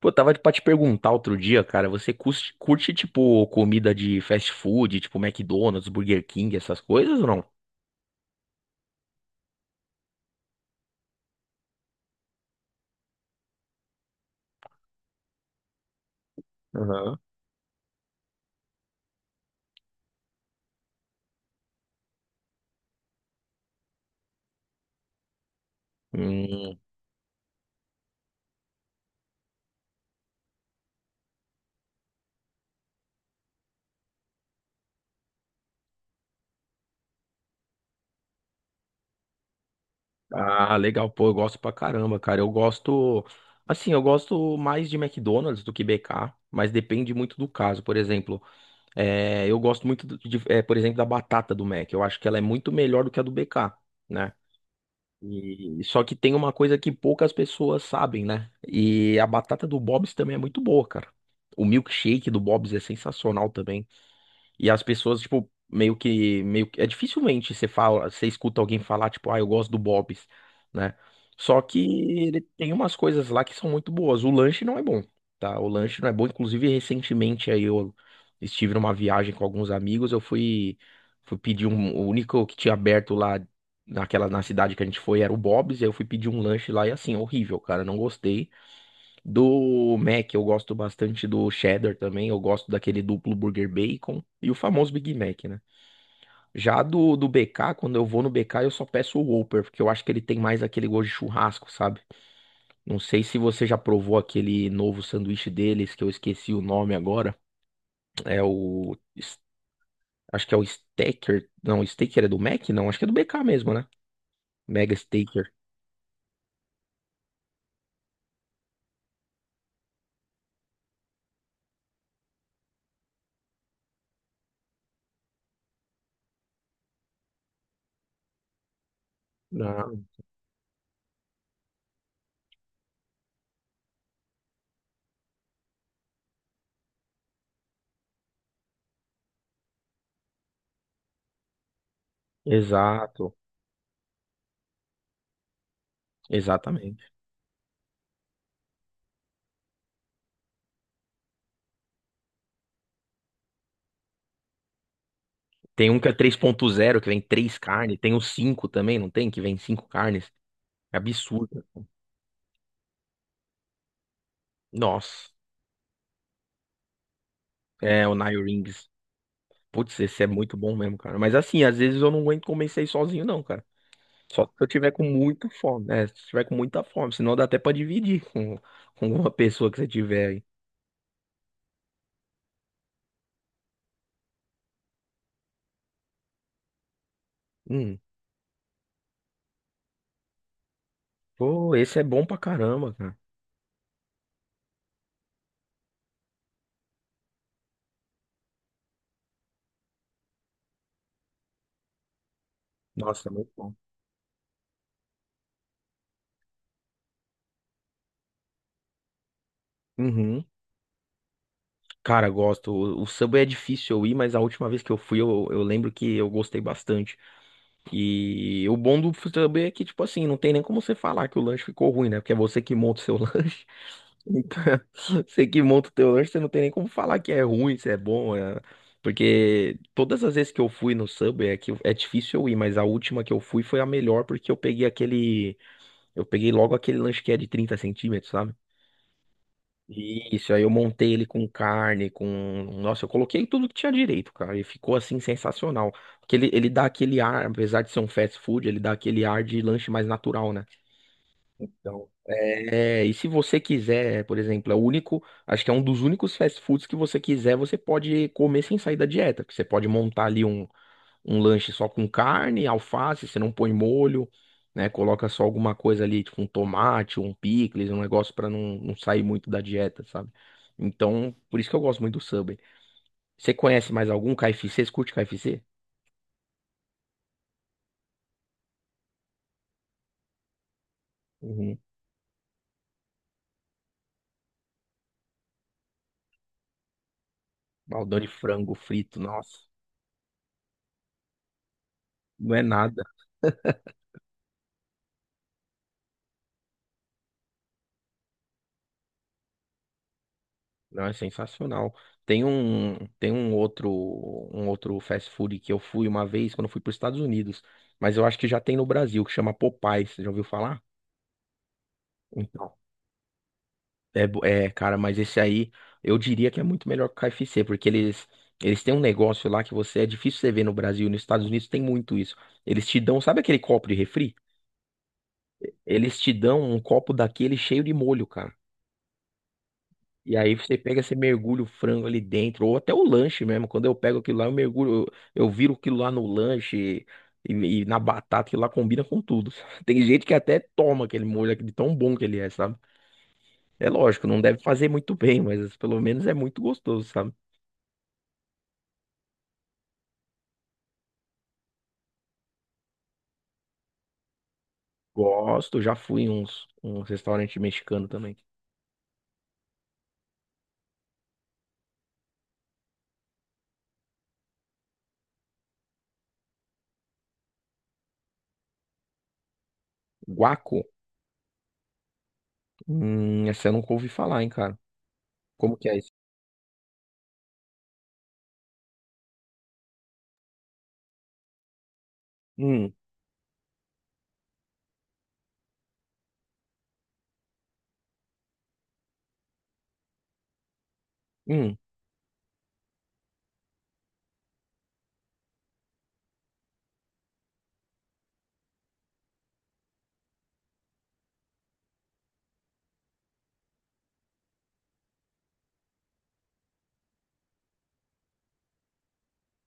Pô, tava pra te perguntar outro dia, cara, você curte, tipo, comida de fast food, tipo McDonald's, Burger King, essas coisas ou não? Aham. Hum, ah, legal, pô, eu gosto pra caramba, cara. Eu gosto, assim, eu gosto mais de McDonald's do que BK, mas depende muito do caso. Por exemplo, eu gosto muito, de, por exemplo, da batata do Mac. Eu acho que ela é muito melhor do que a do BK, né? E só que tem uma coisa que poucas pessoas sabem, né? E a batata do Bob's também é muito boa, cara. O milkshake do Bob's é sensacional e as pessoas, tipo, meio que, dificilmente você escuta alguém falar, tipo, ah, eu gosto do Bob's, né? Só que ele tem umas coisas lá que são muito boas. O lanche não é bom, tá? O lanche não é bom. Inclusive, recentemente aí eu estive numa viagem com alguns amigos, eu fui, fui pedir um, o único que tinha aberto lá na cidade que a gente foi era o Bob's, e aí eu fui pedir um lanche lá e assim, horrível, cara, não gostei. Do Mac, eu gosto bastante do cheddar também. Eu gosto daquele duplo burger bacon e o famoso Big Mac, né? Já do BK, quando eu vou no BK, eu só peço o Whopper, porque eu acho que ele tem mais aquele gosto de churrasco, sabe? Não sei se você já provou aquele novo sanduíche deles, que eu esqueci o nome agora. É o. es- Acho que é o Stacker. Não, o Staker é do Mac? Não, acho que é do BK mesmo, né? Mega Staker. Ah, exato, exatamente. Tem um que é 3.0, que vem três carnes. Tem o 5 também, não tem? Que vem cinco carnes. É absurdo, assim. Nossa. É, o Nine Rings. Putz, esse é muito bom mesmo, cara. Mas assim, às vezes eu não aguento comer isso aí sozinho, não, cara. Só se eu tiver com muita fome, né? Se tiver com muita fome, senão dá até pra dividir com, uma pessoa que você tiver aí. Hum. Pô, esse é bom pra caramba, cara. Nossa, é muito bom. Uhum. Cara, gosto. O Subway é difícil eu ir, mas a última vez que eu fui, eu lembro que eu gostei bastante. E o bom do Subway é que, tipo assim, não tem nem como você falar que o lanche ficou ruim, né? Porque é você que monta o seu lanche. Então, você que monta o teu lanche, você não tem nem como falar que é ruim, se é bom. Porque todas as vezes que eu fui no Subway, é que é difícil eu ir, mas a última que eu fui foi a melhor, porque eu peguei aquele. Eu peguei logo aquele lanche que é de 30 centímetros, sabe? Isso, aí eu montei ele com carne, com. Nossa, eu coloquei tudo que tinha direito, cara. E ficou assim sensacional. Porque ele dá aquele ar, apesar de ser um fast food, ele dá aquele ar de lanche mais natural, né? Então, e se você quiser, por exemplo, é o único, acho que é um dos únicos fast foods que você quiser, você pode comer sem sair da dieta. Que você pode montar ali um lanche só com carne, alface, você não põe molho, né? Coloca só alguma coisa ali, tipo um tomate, um picles, um negócio pra não sair muito da dieta, sabe? Então, por isso que eu gosto muito do Subway. Você conhece mais algum KFC? Você curte KFC? Uhum. Baldão de frango frito, nossa, não é nada, não é sensacional. Tem um outro fast food que eu fui uma vez quando eu fui para os Estados Unidos, mas eu acho que já tem no Brasil, que chama Popeyes, você já ouviu falar? É. Cara, mas esse aí eu diria que é muito melhor que o KFC, porque eles têm um negócio lá que você é difícil você ver no Brasil, nos Estados Unidos tem muito isso. Eles te dão, sabe aquele copo de refri? Eles te dão um copo daquele cheio de molho, cara. E aí você pega, você mergulha o frango ali dentro, ou até o lanche mesmo. Quando eu pego aquilo lá, eu mergulho, eu viro aquilo lá no lanche e, e na batata, que lá combina com tudo. Tem gente que até toma aquele molho aqui de tão bom que ele é, sabe? É lógico, não deve fazer muito bem, mas pelo menos é muito gostoso, sabe? Gosto, já fui em um restaurante mexicano também. Guaco? Essa eu nunca ouvi falar, hein, cara. Como que é isso? Hum, hum.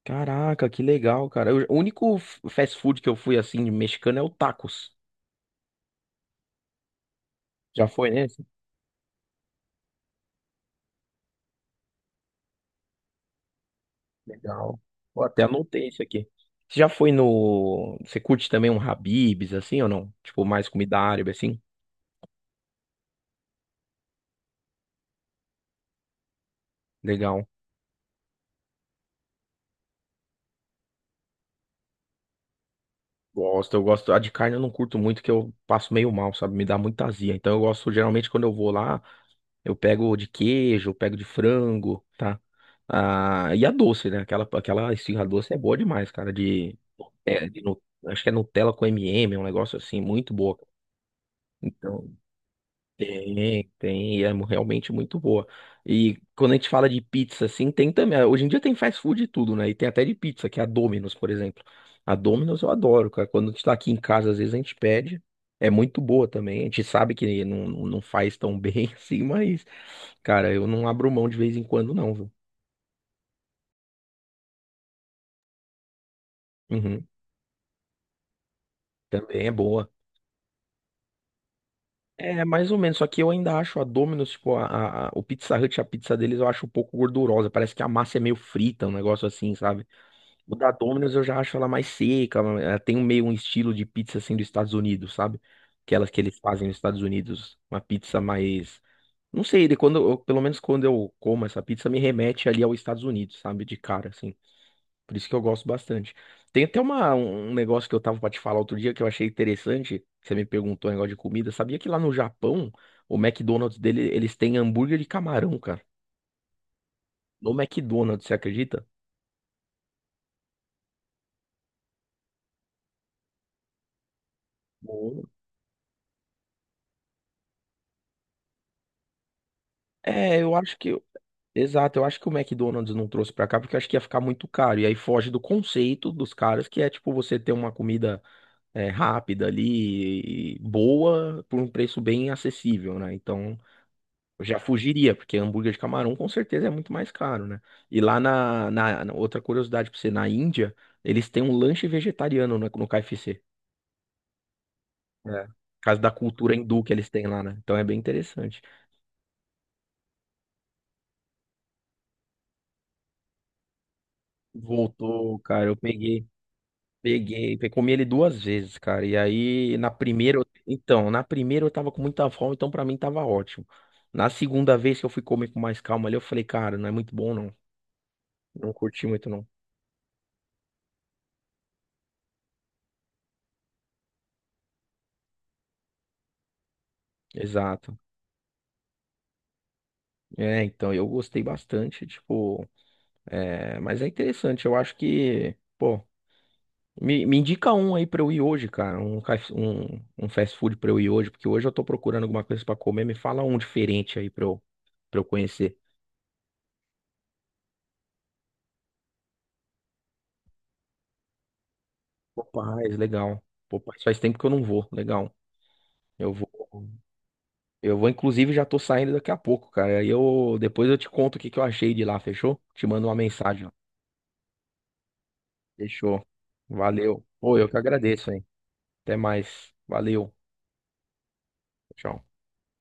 Caraca, que legal, cara. O único fast food que eu fui assim, de mexicano, é o tacos. Já foi nesse? Legal. Pô, até anotei isso aqui. Você já foi no. Você curte também um Habib's, assim, ou não? Tipo, mais comida árabe, assim? Legal. Gosto, eu gosto. A de carne eu não curto muito, que eu passo meio mal, sabe? Me dá muita azia. Então eu gosto, geralmente, quando eu vou lá. Eu pego de queijo, eu pego de frango, tá? Ah, e a doce, né? Aquela esfirra doce é boa demais, cara. De, é, de nu- acho que é Nutella com M&M, é um negócio assim, muito boa. Então, tem, e é realmente muito boa. E quando a gente fala de pizza, assim, tem também. Hoje em dia tem fast food e tudo, né? E tem até de pizza, que é a Domino's, por exemplo. A Domino's eu adoro, cara. Quando a gente tá aqui em casa, às vezes a gente pede. É muito boa também. A gente sabe que não faz tão bem assim, mas, cara, eu não abro mão de vez em quando, não, viu? Uhum. Também é boa. É, mais ou menos, só que eu ainda acho a Domino's, tipo, o Pizza Hut, a pizza deles, eu acho um pouco gordurosa. Parece que a massa é meio frita, um negócio assim, sabe? O da Domino's eu já acho ela mais seca, ela tem um meio um estilo de pizza assim dos Estados Unidos, sabe? Aquelas que eles fazem nos Estados Unidos, uma pizza mais, não sei, pelo menos quando eu como essa pizza me remete ali aos Estados Unidos, sabe? De cara assim. Por isso que eu gosto bastante. Tem até um negócio que eu tava pra te falar outro dia que eu achei interessante, que você me perguntou um negócio de comida. Sabia que lá no Japão, o McDonald's dele, eles têm hambúrguer de camarão, cara. No McDonald's, você acredita? Bom. É. eu acho que Exato, eu acho que o McDonald's não trouxe pra cá porque eu acho que ia ficar muito caro. E aí foge do conceito dos caras, que é tipo você ter uma comida rápida ali, e boa, por um preço bem acessível, né? Então eu já fugiria, porque hambúrguer de camarão com certeza é muito mais caro, né? E lá outra curiosidade pra você, na Índia, eles têm um lanche vegetariano no KFC. É. Por causa da cultura hindu que eles têm lá, né? Então é bem interessante. Voltou, cara, eu peguei. Comi ele duas vezes, cara. E aí, na primeira, então, na primeira eu tava com muita fome, então pra mim tava ótimo. Na segunda vez que eu fui comer com mais calma ali, eu falei, cara, não é muito bom não. Não curti muito não. Exato. Então, eu gostei bastante, tipo, mas é interessante, eu acho que, pô, me indica um aí pra eu ir hoje, cara, um fast food pra eu ir hoje, porque hoje eu tô procurando alguma coisa pra comer, me fala um diferente aí pra eu conhecer. Popeyes, legal. Popeyes faz tempo que eu não vou. Legal. Eu vou. Eu vou, inclusive, já tô saindo daqui a pouco, cara. Aí eu depois eu te conto o que que eu achei de lá, fechou? Te mando uma mensagem, ó. Fechou. Valeu. Pô, eu que agradeço, hein. Até mais. Valeu. Tchau.